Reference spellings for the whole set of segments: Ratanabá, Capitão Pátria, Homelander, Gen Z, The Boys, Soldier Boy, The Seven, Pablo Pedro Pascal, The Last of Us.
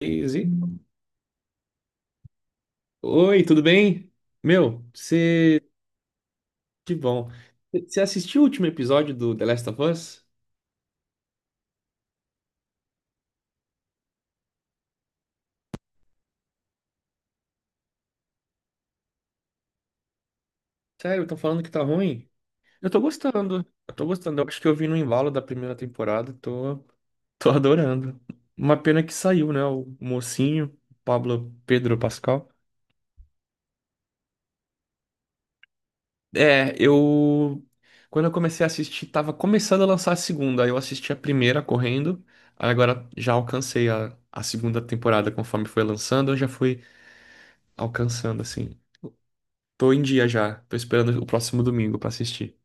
Easy. Oi, tudo bem? Meu, você. Que bom. Você assistiu o último episódio do The Last of Us? Sério, estão falando que tá ruim? Eu tô gostando. Eu tô gostando. Eu acho que eu vi no embalo da primeira temporada. Tô, tô adorando. Uma pena que saiu, né? O mocinho, Pablo Pedro Pascal. É, eu. Quando eu comecei a assistir, tava começando a lançar a segunda. Aí eu assisti a primeira correndo. Aí agora já alcancei a segunda temporada conforme foi lançando. Eu já fui alcançando, assim. Tô em dia já, tô esperando o próximo domingo pra assistir.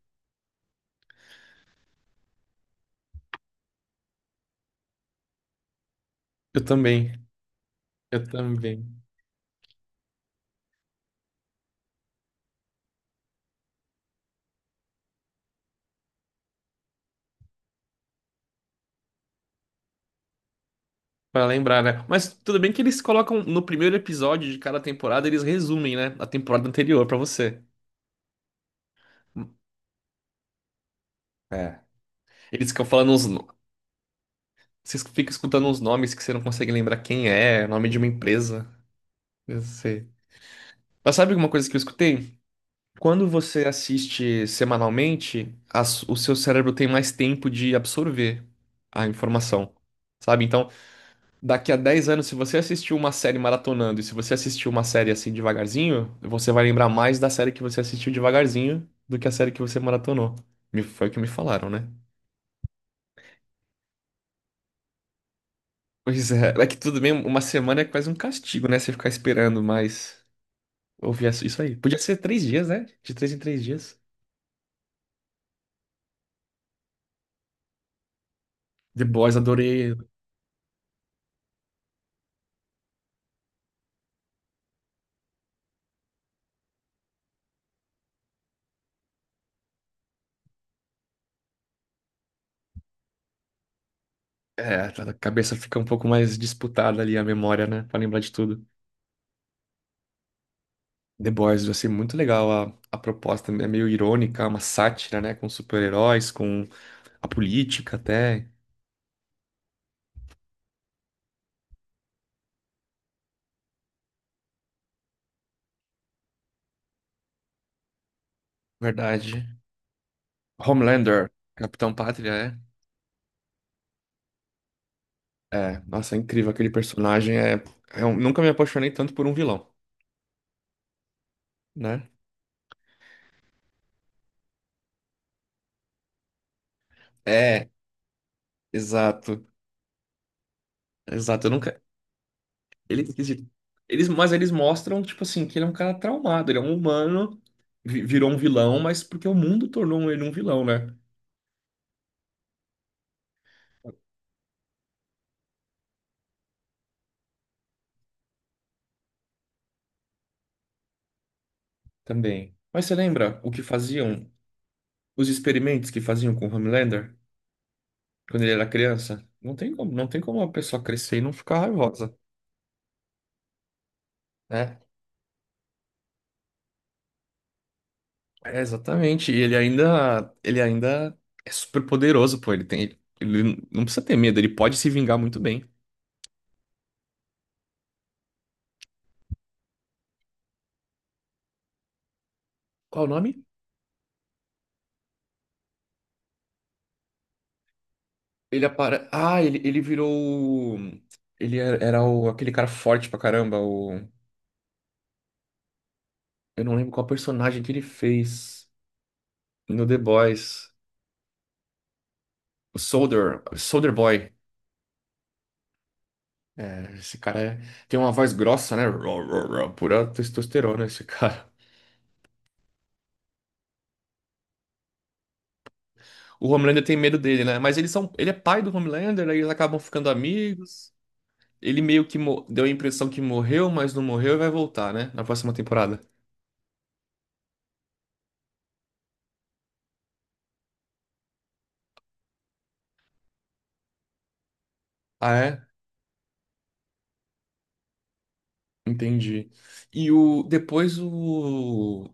Eu também, eu também. Pra lembrar, né? Mas tudo bem que eles colocam no primeiro episódio de cada temporada, eles resumem, né? A temporada anterior pra você. É. Eles ficam falando uns. No- Você fica escutando uns nomes que você não consegue lembrar quem é, nome de uma empresa. Eu sei. Mas sabe alguma coisa que eu escutei? Quando você assiste semanalmente, a o seu cérebro tem mais tempo de absorver a informação. Sabe? Então, daqui a 10 anos, se você assistiu uma série maratonando e se você assistiu uma série assim devagarzinho, você vai lembrar mais da série que você assistiu devagarzinho do que a série que você maratonou. Foi o que me falaram, né? Pois é, é que tudo bem, uma semana é quase um castigo, né? Você ficar esperando, mas ouvir isso aí. Podia ser 3 dias, né? De 3 em 3 dias. The Boys, adorei. É, a cabeça fica um pouco mais disputada ali, a memória, né? Pra lembrar de tudo. The Boys, eu achei muito legal a proposta, é meio irônica, uma sátira, né? Com super-heróis, com a política até. Verdade. Homelander, Capitão Pátria, é. É, nossa, é incrível aquele personagem. É, eu nunca me apaixonei tanto por um vilão, né? É, exato. Exato, eu nunca. Ele, quer dizer, eles, mas eles mostram, tipo assim, que ele é um cara traumado, ele é um humano, virou um vilão, mas porque o mundo tornou ele um vilão, né? Também. Mas você lembra o que faziam, os experimentos que faziam com o Homelander quando ele era criança? Não tem como, não tem como uma pessoa crescer e não ficar raivosa, né? É, exatamente. E ele ainda é super poderoso, pô. Ele tem, ele não precisa ter medo, ele pode se vingar muito bem. Qual o nome? Ele apare... Ah, ele virou. o- Ele era, era o, aquele cara forte pra caramba. O... Eu não lembro qual personagem que ele fez no The Boys. O Soldier Boy. É, tem uma voz grossa, né? Ró, ró, ró, Pura testosterona, esse cara. O Homelander tem medo dele, né? Mas eles são, ele é pai do Homelander, aí eles acabam ficando amigos. Ele meio que deu a impressão que morreu, mas não morreu e vai voltar, né? Na próxima temporada. Ah, é? Entendi. E o depois o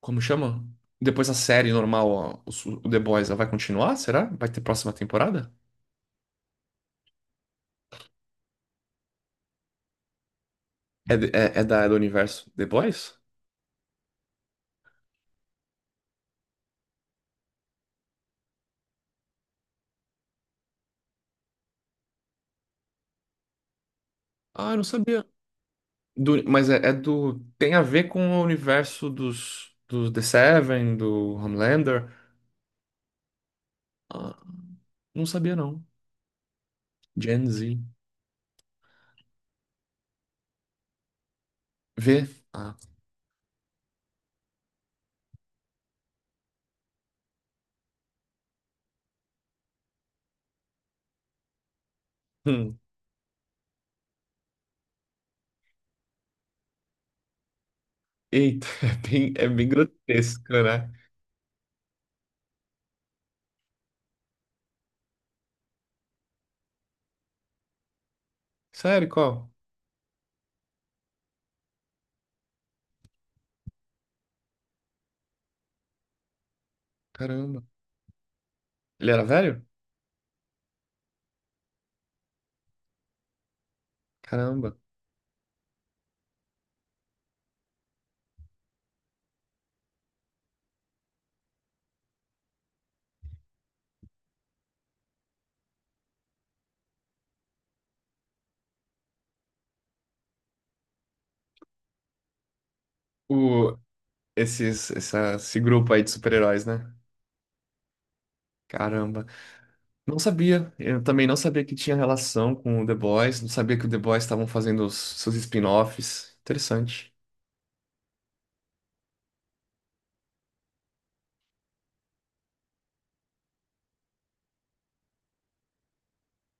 como chama? Depois a série normal, ó, o The Boys, ela vai continuar, será? Vai ter próxima temporada? É, é, é da é do universo The Boys? Ah, eu não sabia. Mas é, é do tem a ver com o universo dos The Seven, do Homelander. Ah, não sabia não. Gen Z. V. Ah. Eita, é bem grotesco, né? Sério, qual? Caramba. Ele era velho? Caramba. O, esses, essa, esse grupo aí de super-heróis, né? Caramba. Não sabia. Eu também não sabia que tinha relação com o The Boys. Não sabia que o The Boys estavam fazendo os, seus spin-offs. Interessante.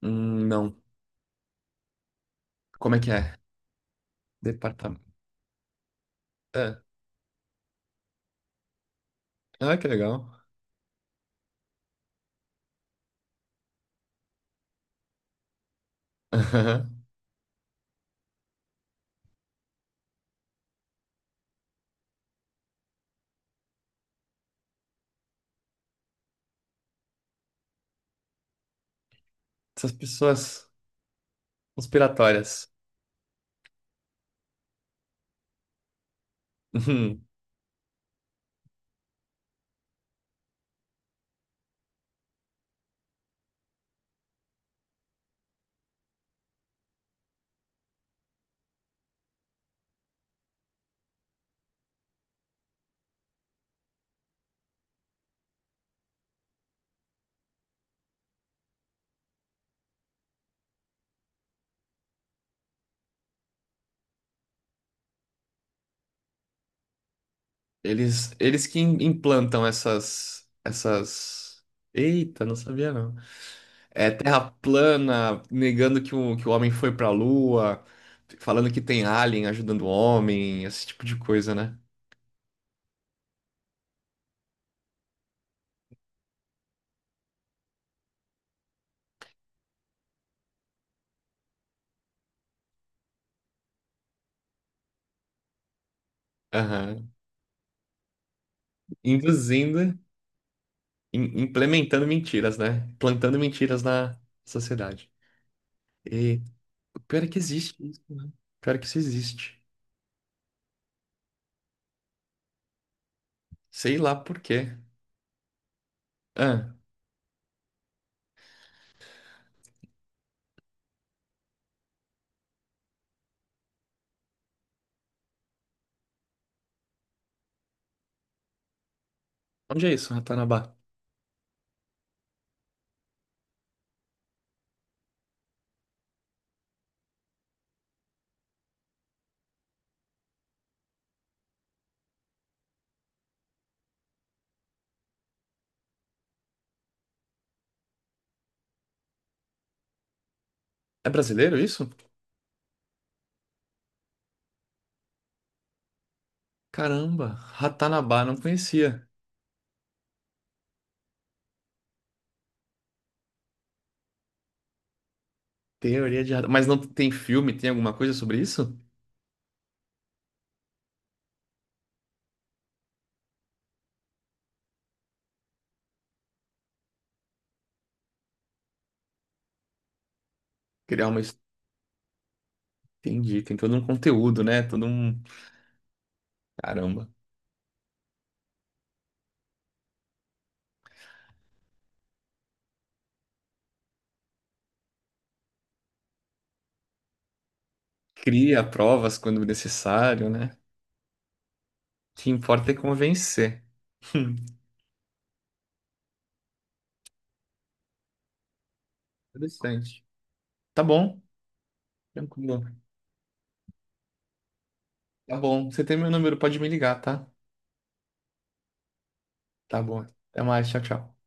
Não. Como é que é? Departamento. É. Ah, que legal. Essas pessoas conspiratórias. Eles que implantam essas, essas. Eita, não sabia não. É terra plana, negando que o homem foi pra lua, falando que tem alien ajudando o homem, esse tipo de coisa, né? Aham. Induzindo, implementando mentiras, né? Plantando mentiras na sociedade. E o pior é que existe isso, né? O pior é que isso existe. Sei lá por quê. Ah, onde é isso, Ratanabá? É brasileiro isso? Caramba, Ratanabá, não conhecia. Teoria de radar. Mas não tem filme, tem alguma coisa sobre isso? Criar uma. his- Entendi, tem todo um conteúdo, né? Todo um. Caramba. Cria provas quando necessário, né? O que importa é convencer. Interessante. Tá bom, tranquilo. Tá bom. Você tem meu número, pode me ligar, tá? Tá bom. Até mais, tchau, tchau.